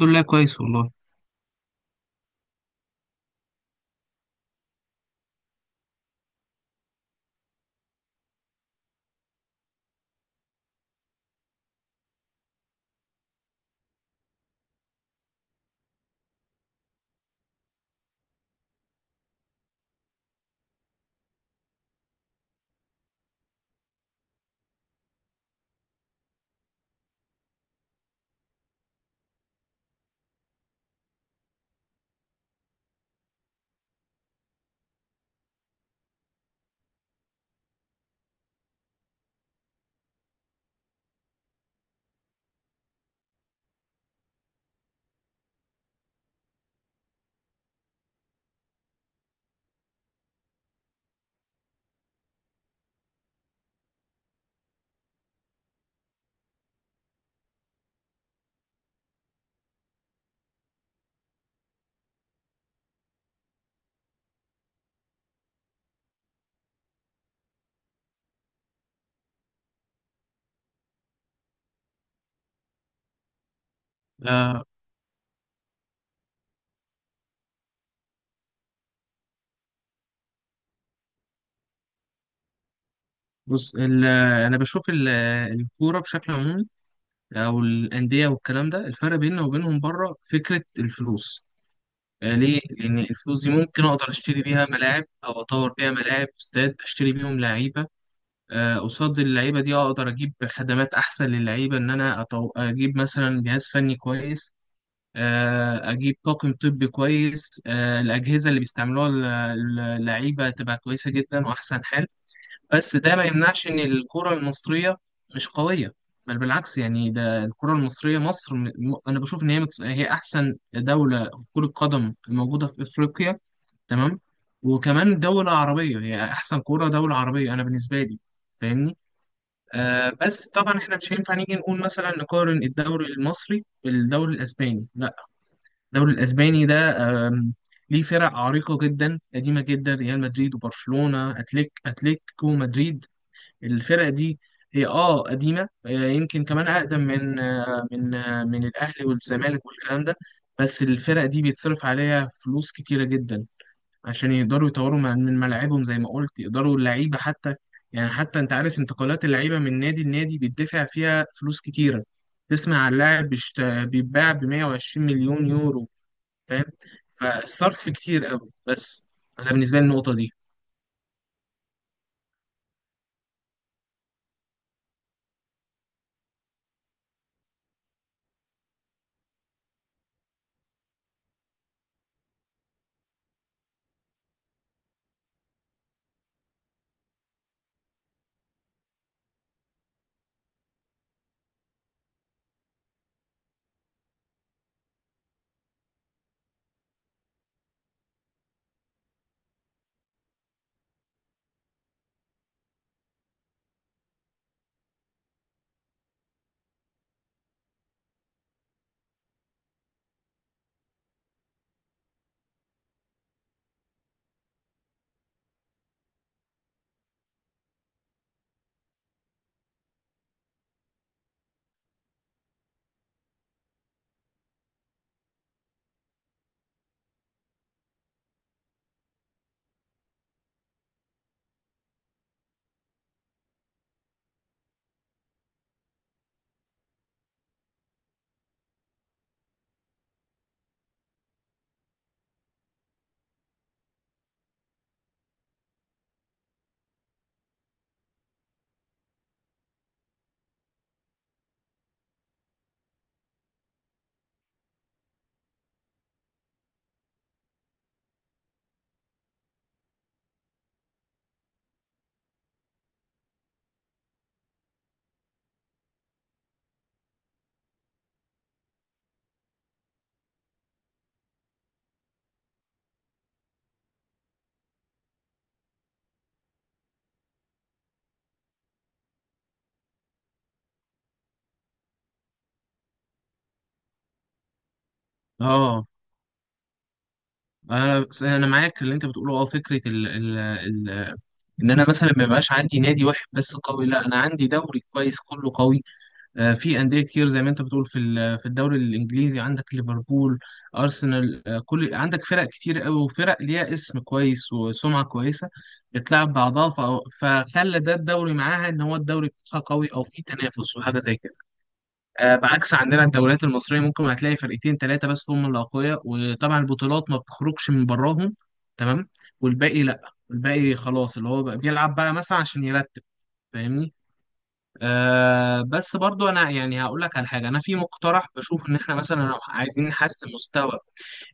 الحمد لله كويس والله. آه بص انا بشوف الكوره بشكل عمومي او الانديه والكلام ده، الفرق بيننا وبينهم بره فكره الفلوس. آه، ليه؟ لان الفلوس دي ممكن اقدر اشتري بيها ملاعب او اطور بيها ملاعب استاد، اشتري بيهم لعيبه. آه، قصاد اللعيبه دي اقدر اجيب خدمات احسن للعيبه، ان انا اجيب مثلا جهاز فني كويس، اجيب طاقم طبي كويس، الاجهزه اللي بيستعملوها، اللعيبه تبقى كويسه جدا واحسن حال. بس ده ما يمنعش ان الكرة المصرية مش قوية، بل بالعكس. يعني ده الكرة المصرية، مصر انا بشوف ان هي احسن دولة كرة قدم موجودة في افريقيا، تمام، وكمان دولة عربية، هي احسن كرة دولة عربية انا بالنسبة لي، فاهمني؟ آه بس طبعا احنا مش هينفع نيجي نقول مثلا نقارن الدوري المصري بالدوري الاسباني، لا. الدوري الاسباني ده، آم، ليه فرق عريقة جدا قديمة جدا، ريال مدريد وبرشلونة، أتليتيكو مدريد. الفرقة دي هي اه قديمة، آه، يمكن كمان أقدم من من الأهلي والزمالك والكلام ده. بس الفرقة دي بيتصرف عليها فلوس كتيرة جدا، عشان يقدروا يطوروا من ملاعبهم، زي ما قلت يقدروا اللعيبة حتى. يعني حتى أنت عارف انتقالات اللعيبة من نادي لنادي بيدفع فيها فلوس كتيرة. تسمع عن لاعب بيتباع ب 120 مليون يورو، فاهم؟ فالصرف كتير قوي. بس أنا بالنسبة لي النقطة دي اه، انا معاك في اللي انت بتقوله. اه فكره ال ال ال ان انا مثلا ما يبقاش عندي نادي واحد بس قوي، لا، انا عندي دوري كويس كله قوي. آه، في انديه كتير زي ما انت بتقول، في في الدوري الانجليزي عندك ليفربول، ارسنال، آه، كل عندك فرق كتير قوي، وفرق ليها اسم كويس وسمعه كويسه، بتلعب بعضها، فخلى ده الدوري معاها ان هو الدوري بتاعها قوي، او في تنافس وحاجه زي كده. آه، بعكس عندنا الدوريات المصرية، ممكن هتلاقي فرقتين ثلاثة بس هم اللي أقوياء، وطبعا البطولات ما بتخرجش من براهم، تمام، والباقي لأ. الباقي خلاص اللي هو بقى بيلعب بقى مثلا عشان يرتب، فاهمني؟ آه بس برضو أنا يعني هقول لك على حاجة، أنا في مقترح بشوف إن إحنا مثلا لو عايزين نحسن مستوى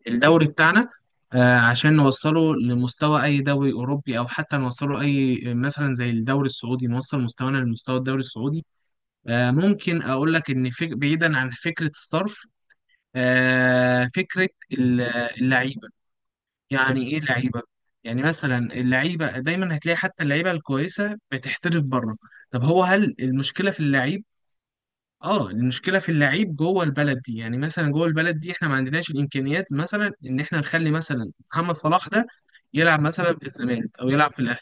الدوري بتاعنا، آه عشان نوصله لمستوى أي دوري أوروبي، أو حتى نوصله أي مثلا زي الدوري السعودي، نوصل مستوانا لمستوى الدوري السعودي. آه، ممكن اقول لك ان بعيدا عن فكره ستارف، آه، فكره اللعيبه. يعني ايه لعيبه؟ يعني مثلا اللعيبه دايما هتلاقي حتى اللعيبه الكويسه بتحترف بره. طب هو هل المشكله في اللعيب؟ اه المشكله في اللعيب جوه البلد دي. يعني مثلا جوه البلد دي احنا ما عندناش الامكانيات مثلا ان احنا نخلي مثلا محمد صلاح ده يلعب مثلا في الزمالك او يلعب في الاهلي،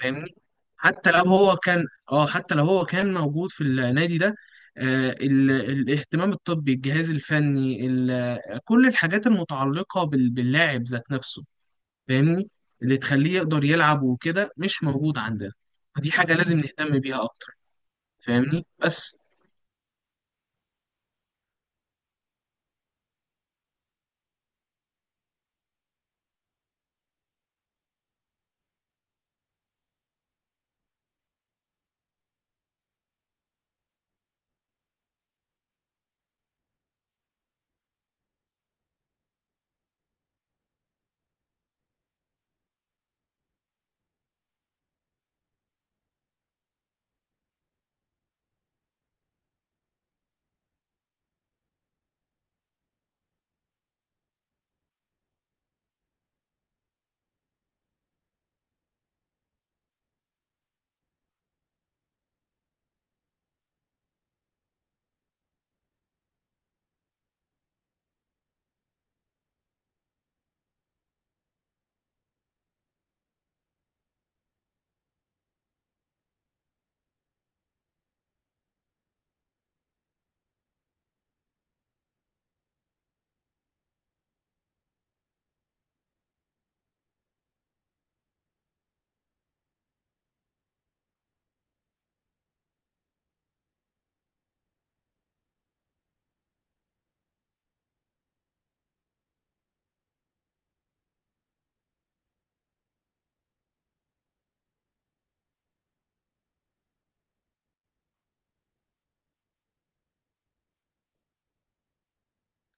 فاهمني؟ حتى لو هو كان، اه حتى لو هو كان موجود في النادي ده، الاهتمام الطبي، الجهاز الفني، كل الحاجات المتعلقة باللاعب ذات نفسه، فاهمني، اللي تخليه يقدر يلعب وكده مش موجود عندنا. ودي حاجة لازم نهتم بيها أكتر، فاهمني. بس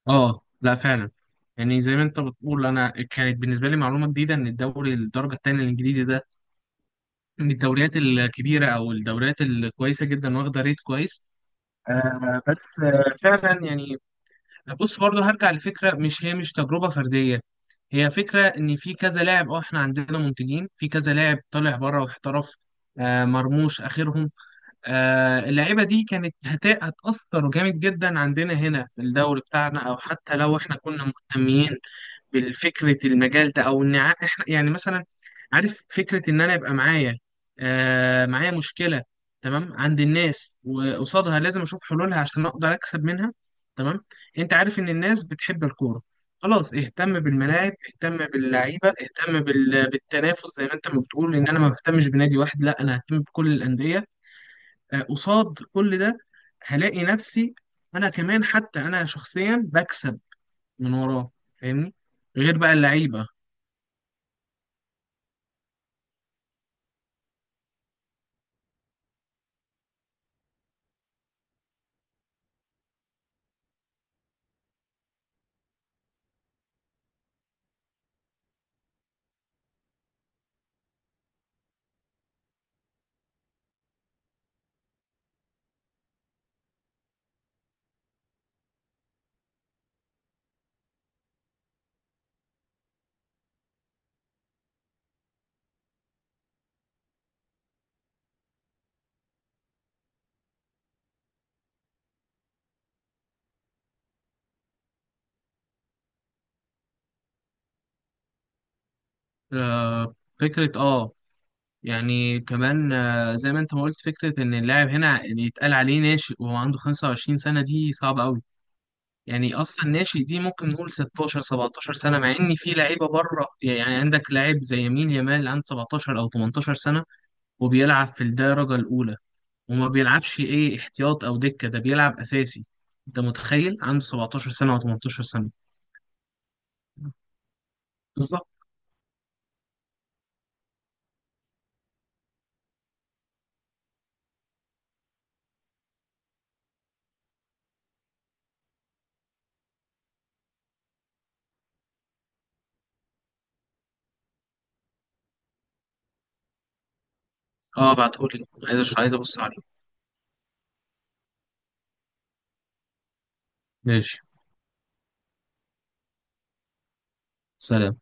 اه لا فعلا. يعني زي ما انت بتقول، انا كانت بالنسبه لي معلومه جديده ان الدوري الدرجه الثانيه الانجليزي ده من الدوريات الكبيره او الدوريات الكويسه جدا، واخده ريت كويس. آه بس، آه فعلا يعني. بص برضو هرجع لفكرة مش هي مش تجربة فردية، هي فكرة ان في كذا لاعب. اه احنا عندنا منتجين، في كذا لاعب طالع بره واحترف، آه مرموش اخرهم. آه اللعيبة دي كانت هتأثر جامد جدا عندنا هنا في الدوري بتاعنا. او حتى لو احنا كنا مهتمين بالفكرة المجال ده، او ان احنا يعني مثلا، عارف فكرة ان انا يبقى معايا، آه معايا مشكلة، تمام، عند الناس وقصادها لازم اشوف حلولها عشان اقدر اكسب منها. تمام، انت عارف ان الناس بتحب الكورة، خلاص اهتم بالملاعب، اهتم باللعيبة، اهتم بالتنافس، زي ما انت ما بتقول ان انا ما بهتمش بنادي واحد، لا انا ههتم بكل الأندية. آه، قصاد كل ده هلاقي نفسي انا كمان، حتى انا شخصيا بكسب من وراه، فاهمني، غير بقى اللعيبة. آه، فكرة اه، يعني كمان، آه، زي ما انت ما قلت، فكرة ان اللاعب هنا يعني يتقال عليه ناشئ وهو عنده 25 سنة، دي صعبة قوي. يعني اصلا ناشئ دي ممكن نقول 16 17 سنة، مع ان في لعيبة بره، يعني عندك لاعب زي يمين يامال عنده 17 او 18 سنة وبيلعب في الدرجة الاولى، وما بيلعبش ايه احتياط او دكة، ده بيلعب اساسي. انت متخيل؟ عنده 17 سنة او 18 سنة. بالظبط. اه بعتهولي، عايز ابص عليه. ماشي. سلام.